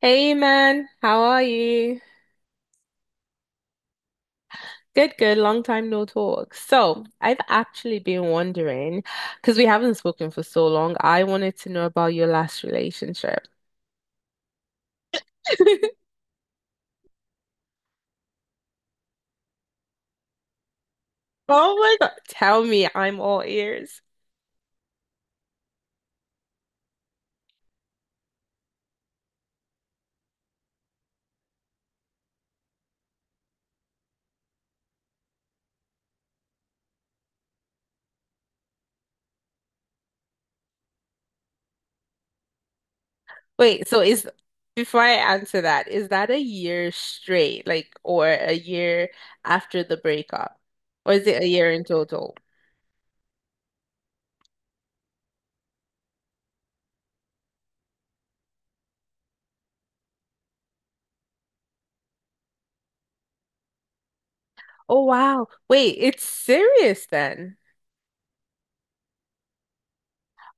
Hey man, how are you? Good, good. Long time no talk. So, I've actually been wondering, because we haven't spoken for so long, I wanted to know about your last relationship. Oh my, god! Tell me, I'm all ears. Wait, so is, before I answer that, is that a year straight, like, or a year after the breakup? Or is it a year in total? Oh, wow. Wait, it's serious then.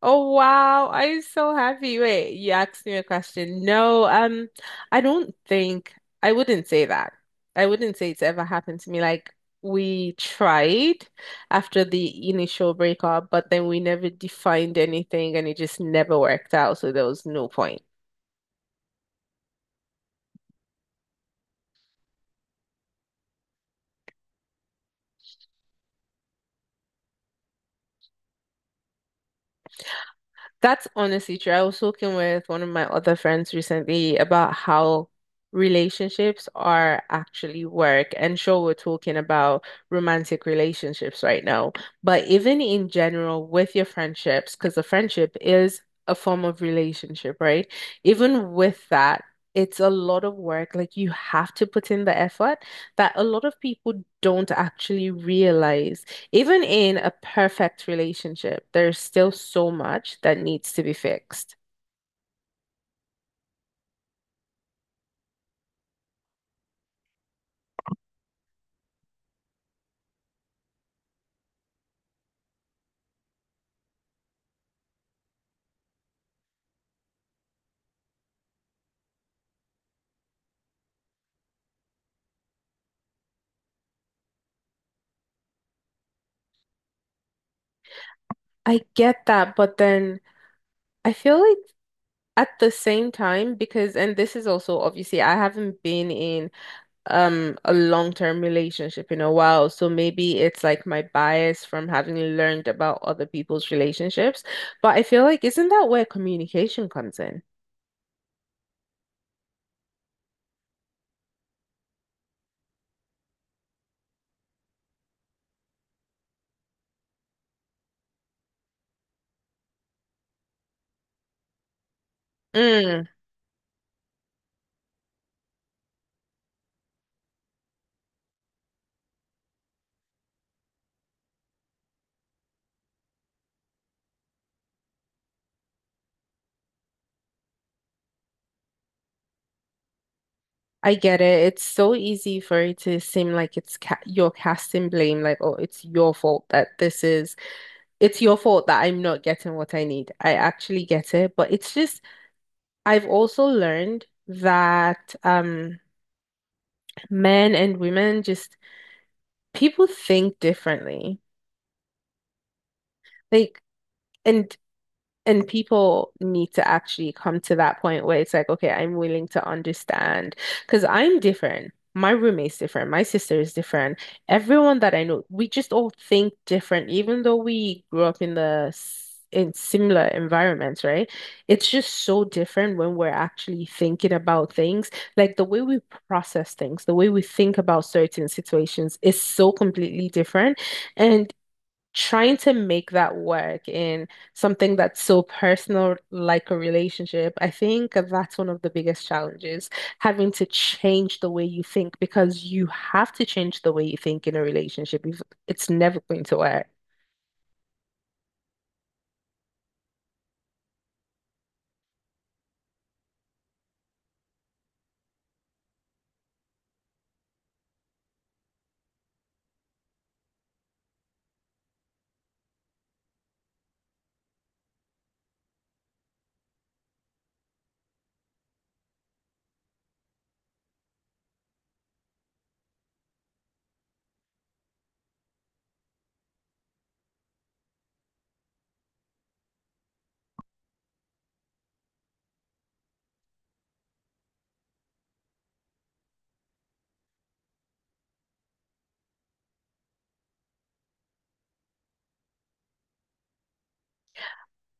Oh wow, I'm so happy. Wait, you asked me a question. No, I don't think I wouldn't say that. I wouldn't say it's ever happened to me. Like we tried after the initial breakup, but then we never defined anything and it just never worked out, so there was no point. That's honestly true. I was talking with one of my other friends recently about how relationships are actually work. And sure, we're talking about romantic relationships right now, but even in general with your friendships, because a friendship is a form of relationship, right? Even with that, it's a lot of work. Like you have to put in the effort that a lot of people don't actually realize. Even in a perfect relationship, there's still so much that needs to be fixed. I get that, but then I feel like at the same time, because, and this is also obviously, I haven't been in a long-term relationship in a while, so maybe it's like my bias from having learned about other people's relationships, but I feel like isn't that where communication comes in? I get it. It's so easy for it to seem like it's ca you're casting blame, like, oh, it's your fault that this is, it's your fault that I'm not getting what I need. I actually get it, but it's just, I've also learned that men and women just people think differently. Like, and And people need to actually come to that point where it's like, okay, I'm willing to understand because I'm different. My roommate's different. My sister is different. Everyone that I know, we just all think different, even though we grew up in in similar environments, right? It's just so different when we're actually thinking about things. Like the way we process things, the way we think about certain situations is so completely different. And trying to make that work in something that's so personal, like a relationship, I think that's one of the biggest challenges, having to change the way you think because you have to change the way you think in a relationship. It's never going to work.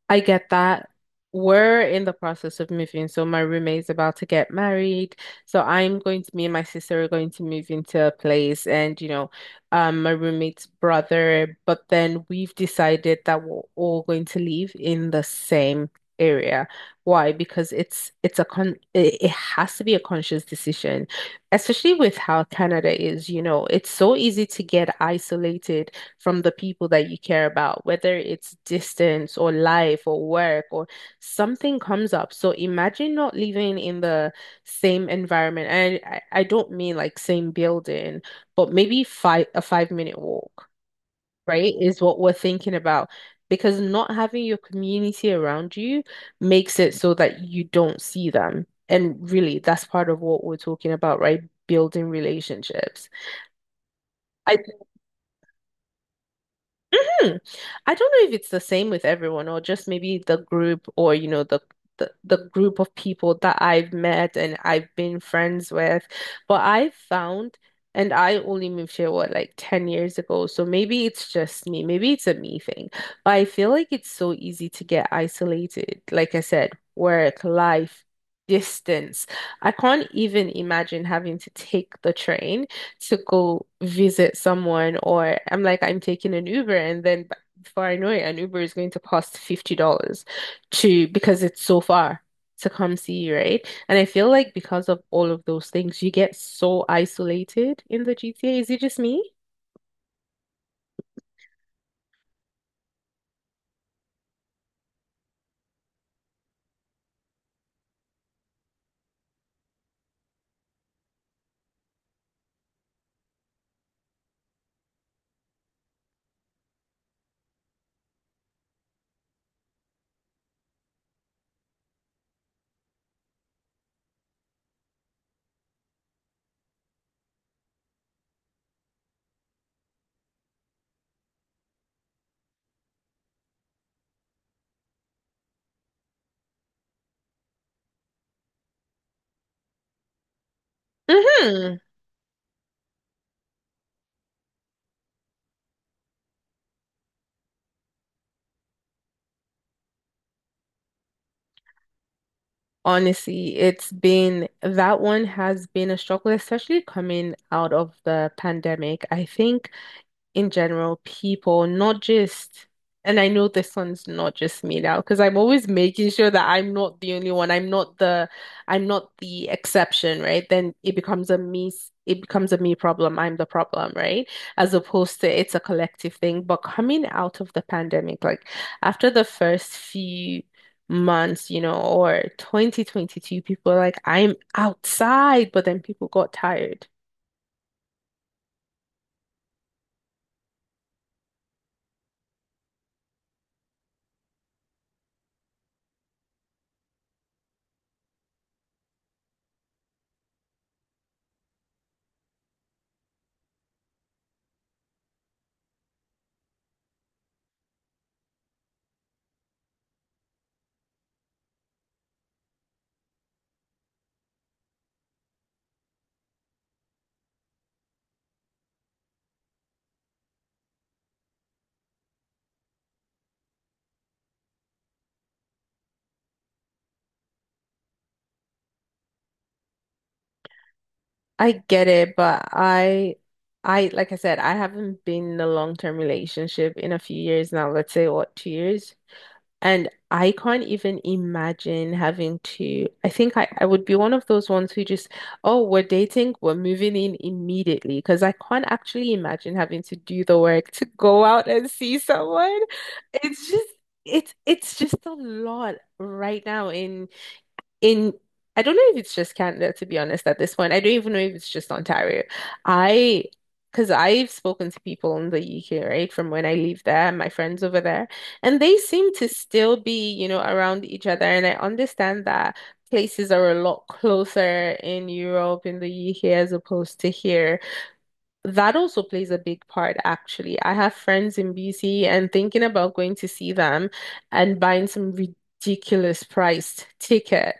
I get that. We're in the process of moving. So my roommate's about to get married. So me and my sister are going to move into a place and, you know, my roommate's brother. But then we've decided that we're all going to live in the same area. Why? Because it has to be a conscious decision, especially with how Canada is, you know, it's so easy to get isolated from the people that you care about, whether it's distance or life or work or something comes up. So imagine not living in the same environment. And I don't mean like same building, but maybe 5 minute walk, right? Is what we're thinking about. Because not having your community around you makes it so that you don't see them. And really, that's part of what we're talking about, right? Building relationships. I Hmm. I don't know if it's the same with everyone or just maybe the group or you know the group of people that I've met and I've been friends with. But I found and I only moved here what like 10 years ago. So maybe it's just me. Maybe it's a me thing. But I feel like it's so easy to get isolated. Like I said, work, life, distance. I can't even imagine having to take the train to go visit someone, or I'm like, I'm taking an Uber, and before I know it, an Uber is going to cost $50 to because it's so far to come see you, right? And I feel like because of all of those things, you get so isolated in the GTA. Is it just me? Hmm. Honestly, it's been that one has been a struggle, especially coming out of the pandemic. I think in general, people, not just, and I know this one's not just me now, because I'm always making sure that I'm not the only one. I'm not the exception, right? Then it becomes a me problem. I'm the problem, right? As opposed to it's a collective thing. But coming out of the pandemic, like after the first few months, you know, or 2022, people are like, I'm outside, but then people got tired. I get it, but I like I said, I haven't been in a long-term relationship in a few years now, let's say what, 2 years. And I can't even imagine having to. I would be one of those ones who just, oh, we're dating, we're moving in immediately. Because I can't actually imagine having to do the work to go out and see someone. It's just it's just a lot right now in I don't know if it's just Canada, to be honest, at this point. I don't even know if it's just Ontario. I, because I've spoken to people in the UK, right, from when I leave there, my friends over there, and they seem to still be, you know, around each other. And I understand that places are a lot closer in Europe, in the UK, as opposed to here. That also plays a big part, actually. I have friends in BC and thinking about going to see them and buying some ridiculous priced ticket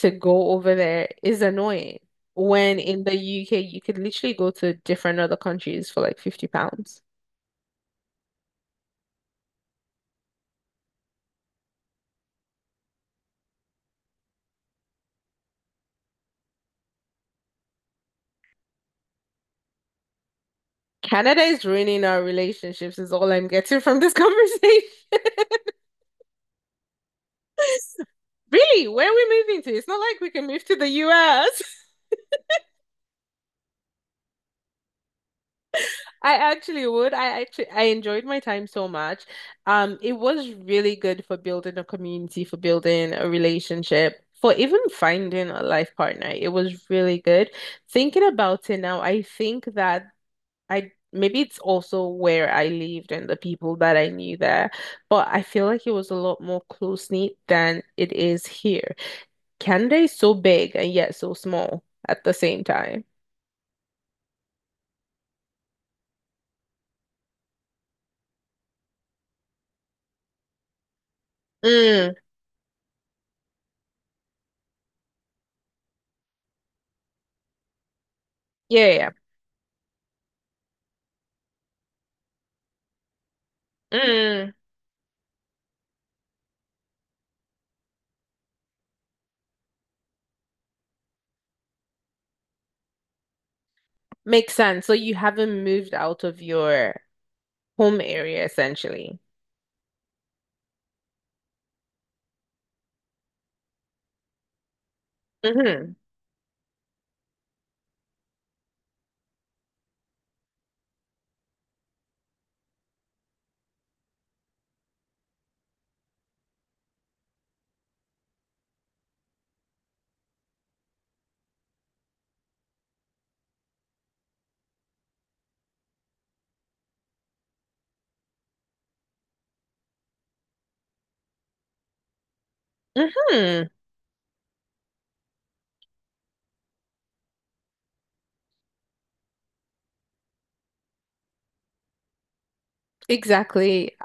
to go over there is annoying. When in the UK, you could literally go to different other countries for like £50. Canada is ruining our relationships, is all I'm getting from this conversation. Really? Where are we moving to? It's not like we can move to the US. I actually would. I actually I enjoyed my time so much. It was really good for building a community, for building a relationship, for even finding a life partner. It was really good. Thinking about it now, I think that I maybe it's also where I lived and the people that I knew there, but I feel like it was a lot more close-knit than it is here. Canada is so big and yet so small at the same time. Mm, yeah, yeah. Yeah. Mm, makes sense. So you haven't moved out of your home area essentially. Mm-hmm. Mm-hmm. Exactly.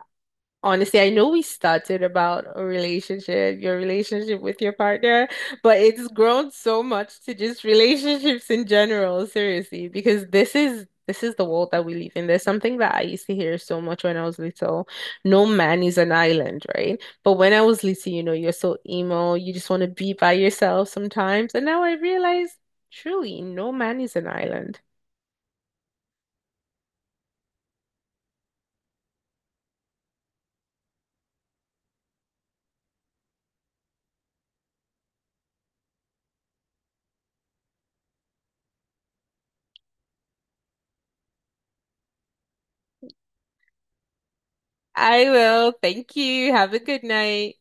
Honestly, I know we started about a relationship, your relationship with your partner, but it's grown so much to just relationships in general, seriously, because this is the world that we live in. There's something that I used to hear so much when I was little. No man is an island, right? But when I was little, you know, you're so emo, you just want to be by yourself sometimes. And now I realize truly, no man is an island. I will. Thank you. Have a good night.